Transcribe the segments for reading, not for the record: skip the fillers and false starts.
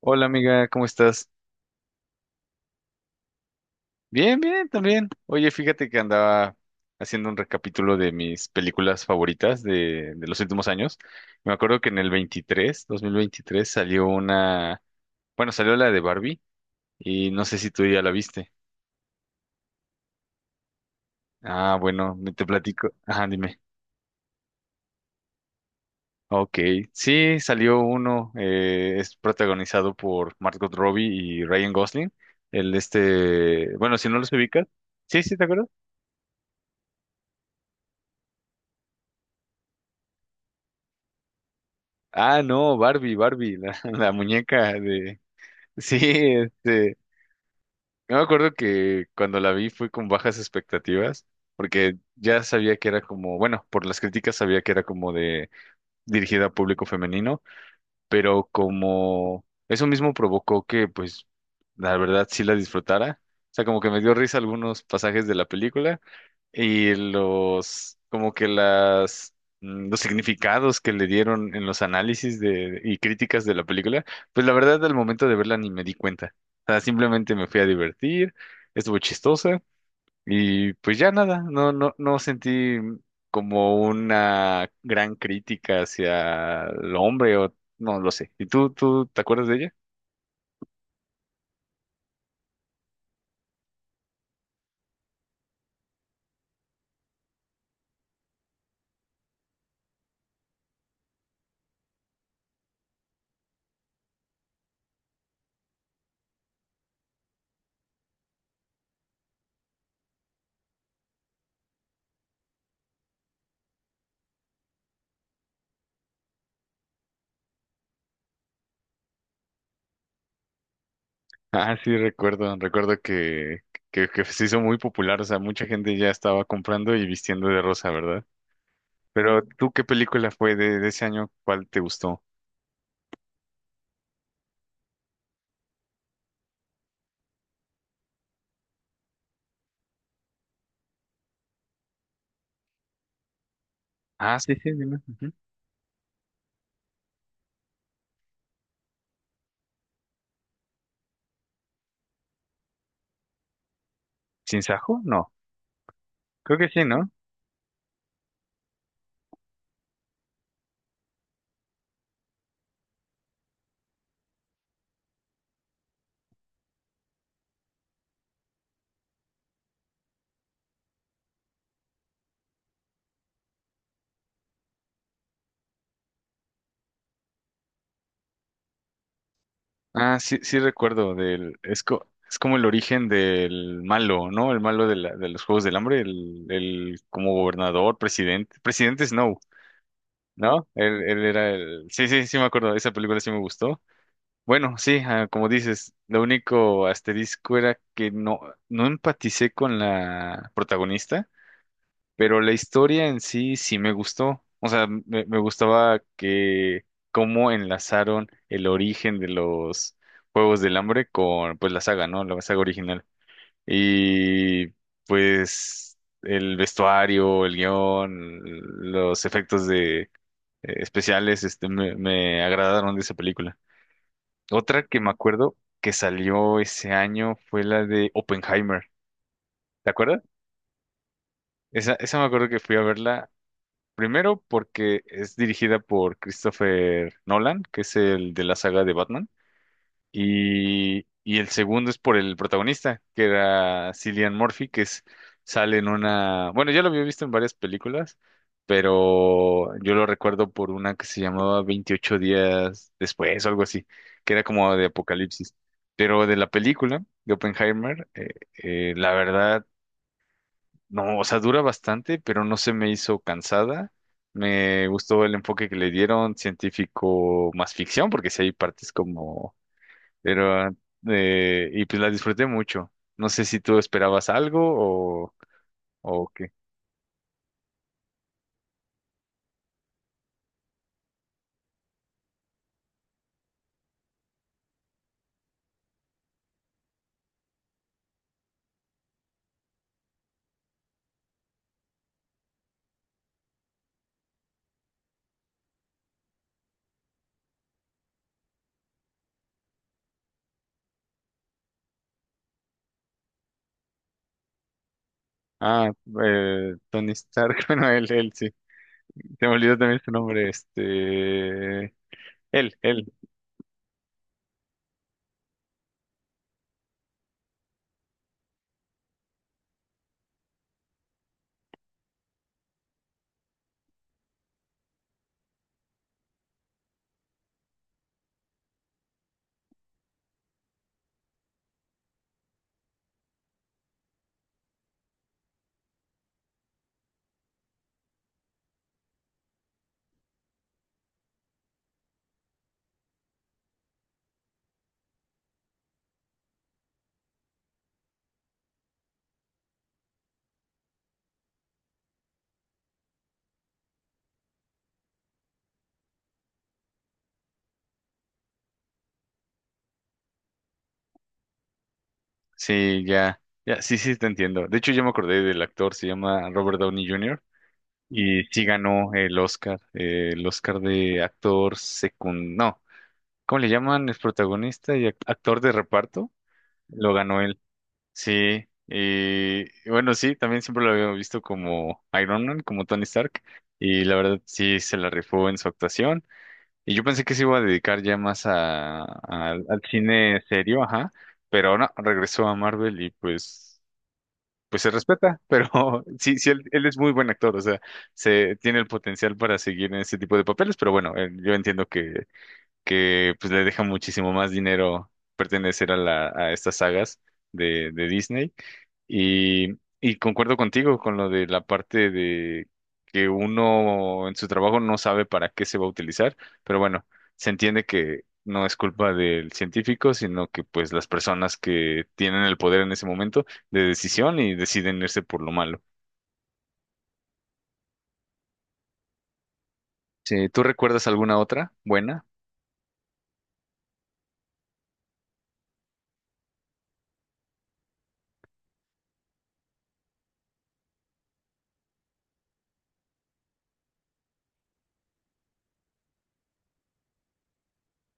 Hola amiga, ¿cómo estás? Bien, bien, también. Oye, fíjate que andaba haciendo un recapítulo de mis películas favoritas de los últimos años. Me acuerdo que en el 23, 2023, salió una, bueno, salió la de Barbie y no sé si tú ya la viste. Ah, bueno, te platico. Ajá, dime. Ok, sí, salió uno, es protagonizado por Margot Robbie y Ryan Gosling. El este, bueno, si no los ubicas. Sí, sí, ¿te acuerdas? Ah, no, Barbie, Barbie, la, la muñeca de... Sí, este... Yo me acuerdo que cuando la vi fui con bajas expectativas, porque ya sabía que era como, bueno, por las críticas sabía que era como de dirigida a público femenino, pero como eso mismo provocó que, pues, la verdad sí la disfrutara. O sea, como que me dio risa algunos pasajes de la película y los, como que las, los significados que le dieron en los análisis de, y críticas de la película, pues la verdad al momento de verla ni me di cuenta. O sea, simplemente me fui a divertir, estuvo chistosa. Y pues ya nada, no, no sentí como una gran crítica hacia el hombre o no lo sé. ¿Y tú te acuerdas de ella? Ah, sí, recuerdo, recuerdo que se hizo muy popular, o sea, mucha gente ya estaba comprando y vistiendo de rosa, ¿verdad? Pero tú, ¿qué película fue de ese año? ¿Cuál te gustó? Ah, sí, sí, dime. Ujú. ¿Sinsajo? No, creo que sí, ¿no? Ah, sí, sí recuerdo es como el origen del malo, ¿no? El malo de los Juegos del Hambre, el como gobernador, presidente, presidente Snow, ¿no? Él era el, sí, sí, sí me acuerdo, esa película sí me gustó. Bueno, sí, ah, como dices, lo único asterisco era que no, no empaticé con la protagonista. Pero la historia en sí sí me gustó. O sea, me gustaba que cómo enlazaron el origen de los Juegos del Hambre con pues la saga, ¿no? La saga original. Y pues el vestuario, el guión, los efectos de especiales, este me agradaron de esa película. Otra que me acuerdo que salió ese año fue la de Oppenheimer. ¿Te acuerdas? Esa me acuerdo que fui a verla primero, porque es dirigida por Christopher Nolan, que es el de la saga de Batman. Y el segundo es por el protagonista, que era Cillian Murphy, que es, sale en una... Bueno, ya lo había visto en varias películas, pero yo lo recuerdo por una que se llamaba Veintiocho días después o algo así, que era como de apocalipsis. Pero de la película de Oppenheimer, la verdad no, o sea, dura bastante, pero no se me hizo cansada. Me gustó el enfoque que le dieron, científico más ficción, porque si hay partes como... Pero, y pues la disfruté mucho. No sé si tú esperabas algo o qué. Ah, Tony Stark, bueno, él, sí. Te me olvidó también su nombre, este... él. Sí, ya. Ya, sí, sí, te entiendo. De hecho, ya me acordé del actor, se llama Robert Downey Jr. Y sí ganó el Oscar de No, ¿cómo le llaman? Es protagonista y actor de reparto. Lo ganó él. Sí, y bueno, sí, también siempre lo había visto como Iron Man, como Tony Stark. Y la verdad sí se la rifó en su actuación. Y yo pensé que se iba a dedicar ya más a, al cine serio, ajá. Pero no, regresó a Marvel y pues se respeta, pero sí, sí, él es muy buen actor, o sea, se tiene el potencial para seguir en ese tipo de papeles, pero bueno, yo entiendo que pues le deja muchísimo más dinero pertenecer a a estas sagas de Disney. Y concuerdo contigo con lo de la parte de que uno en su trabajo no sabe para qué se va a utilizar, pero bueno, se entiende que no es culpa del científico, sino que pues las personas que tienen el poder en ese momento de decisión y deciden irse por lo malo. Sí, ¿tú recuerdas alguna otra buena?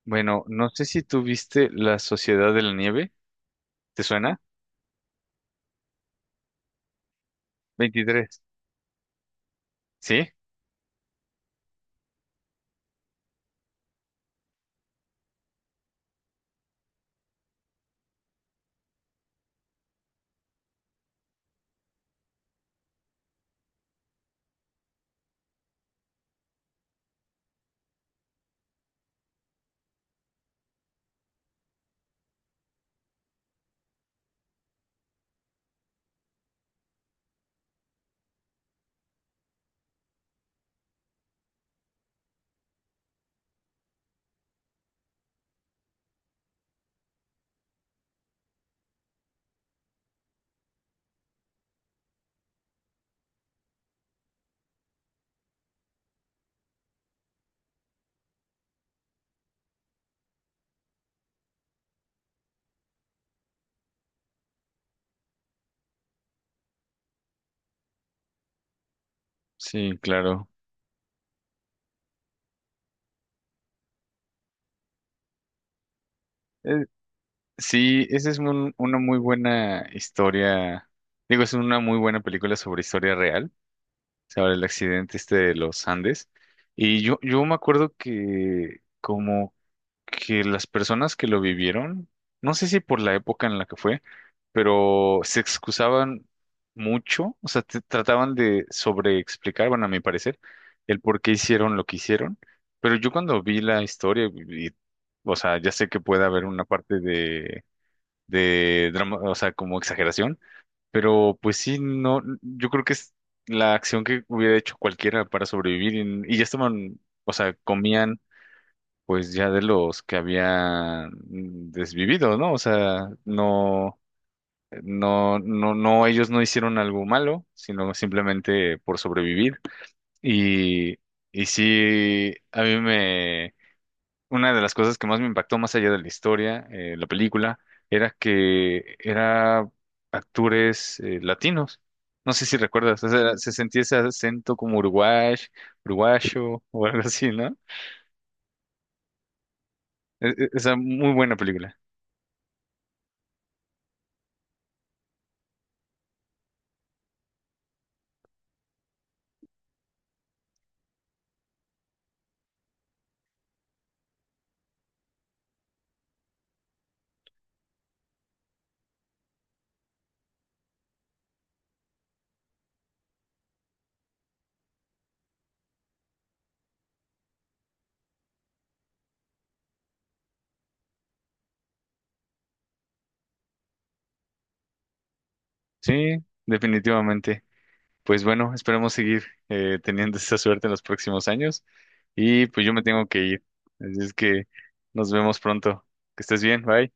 Bueno, no sé si tú viste La Sociedad de la Nieve, ¿te suena? Veintitrés. Sí, sí, claro. Sí, esa es una muy buena historia. Digo, es una muy buena película sobre historia real, sobre el accidente este de los Andes. Y yo me acuerdo que como que las personas que lo vivieron, no sé si por la época en la que fue, pero se excusaban mucho, o sea, trataban de sobreexplicar, bueno, a mi parecer, el por qué hicieron lo que hicieron. Pero yo cuando vi la historia, o sea, ya sé que puede haber una parte de drama, o sea, como exageración, pero pues sí, no, yo creo que es la acción que hubiera hecho cualquiera para sobrevivir y ya estaban, o sea, comían pues ya de los que habían desvivido, ¿no? O sea, no, no, no, no, ellos no hicieron algo malo, sino simplemente por sobrevivir y, y sí, a mí me una de las cosas que más me impactó, más allá de la historia, la película, era que era actores latinos. No sé si recuerdas, o sea, se sentía ese acento como uruguayo o algo así, ¿no? Esa muy buena película. Sí, definitivamente. Pues bueno, esperemos seguir teniendo esa suerte en los próximos años. Y pues yo me tengo que ir. Así es que nos vemos pronto. Que estés bien, bye.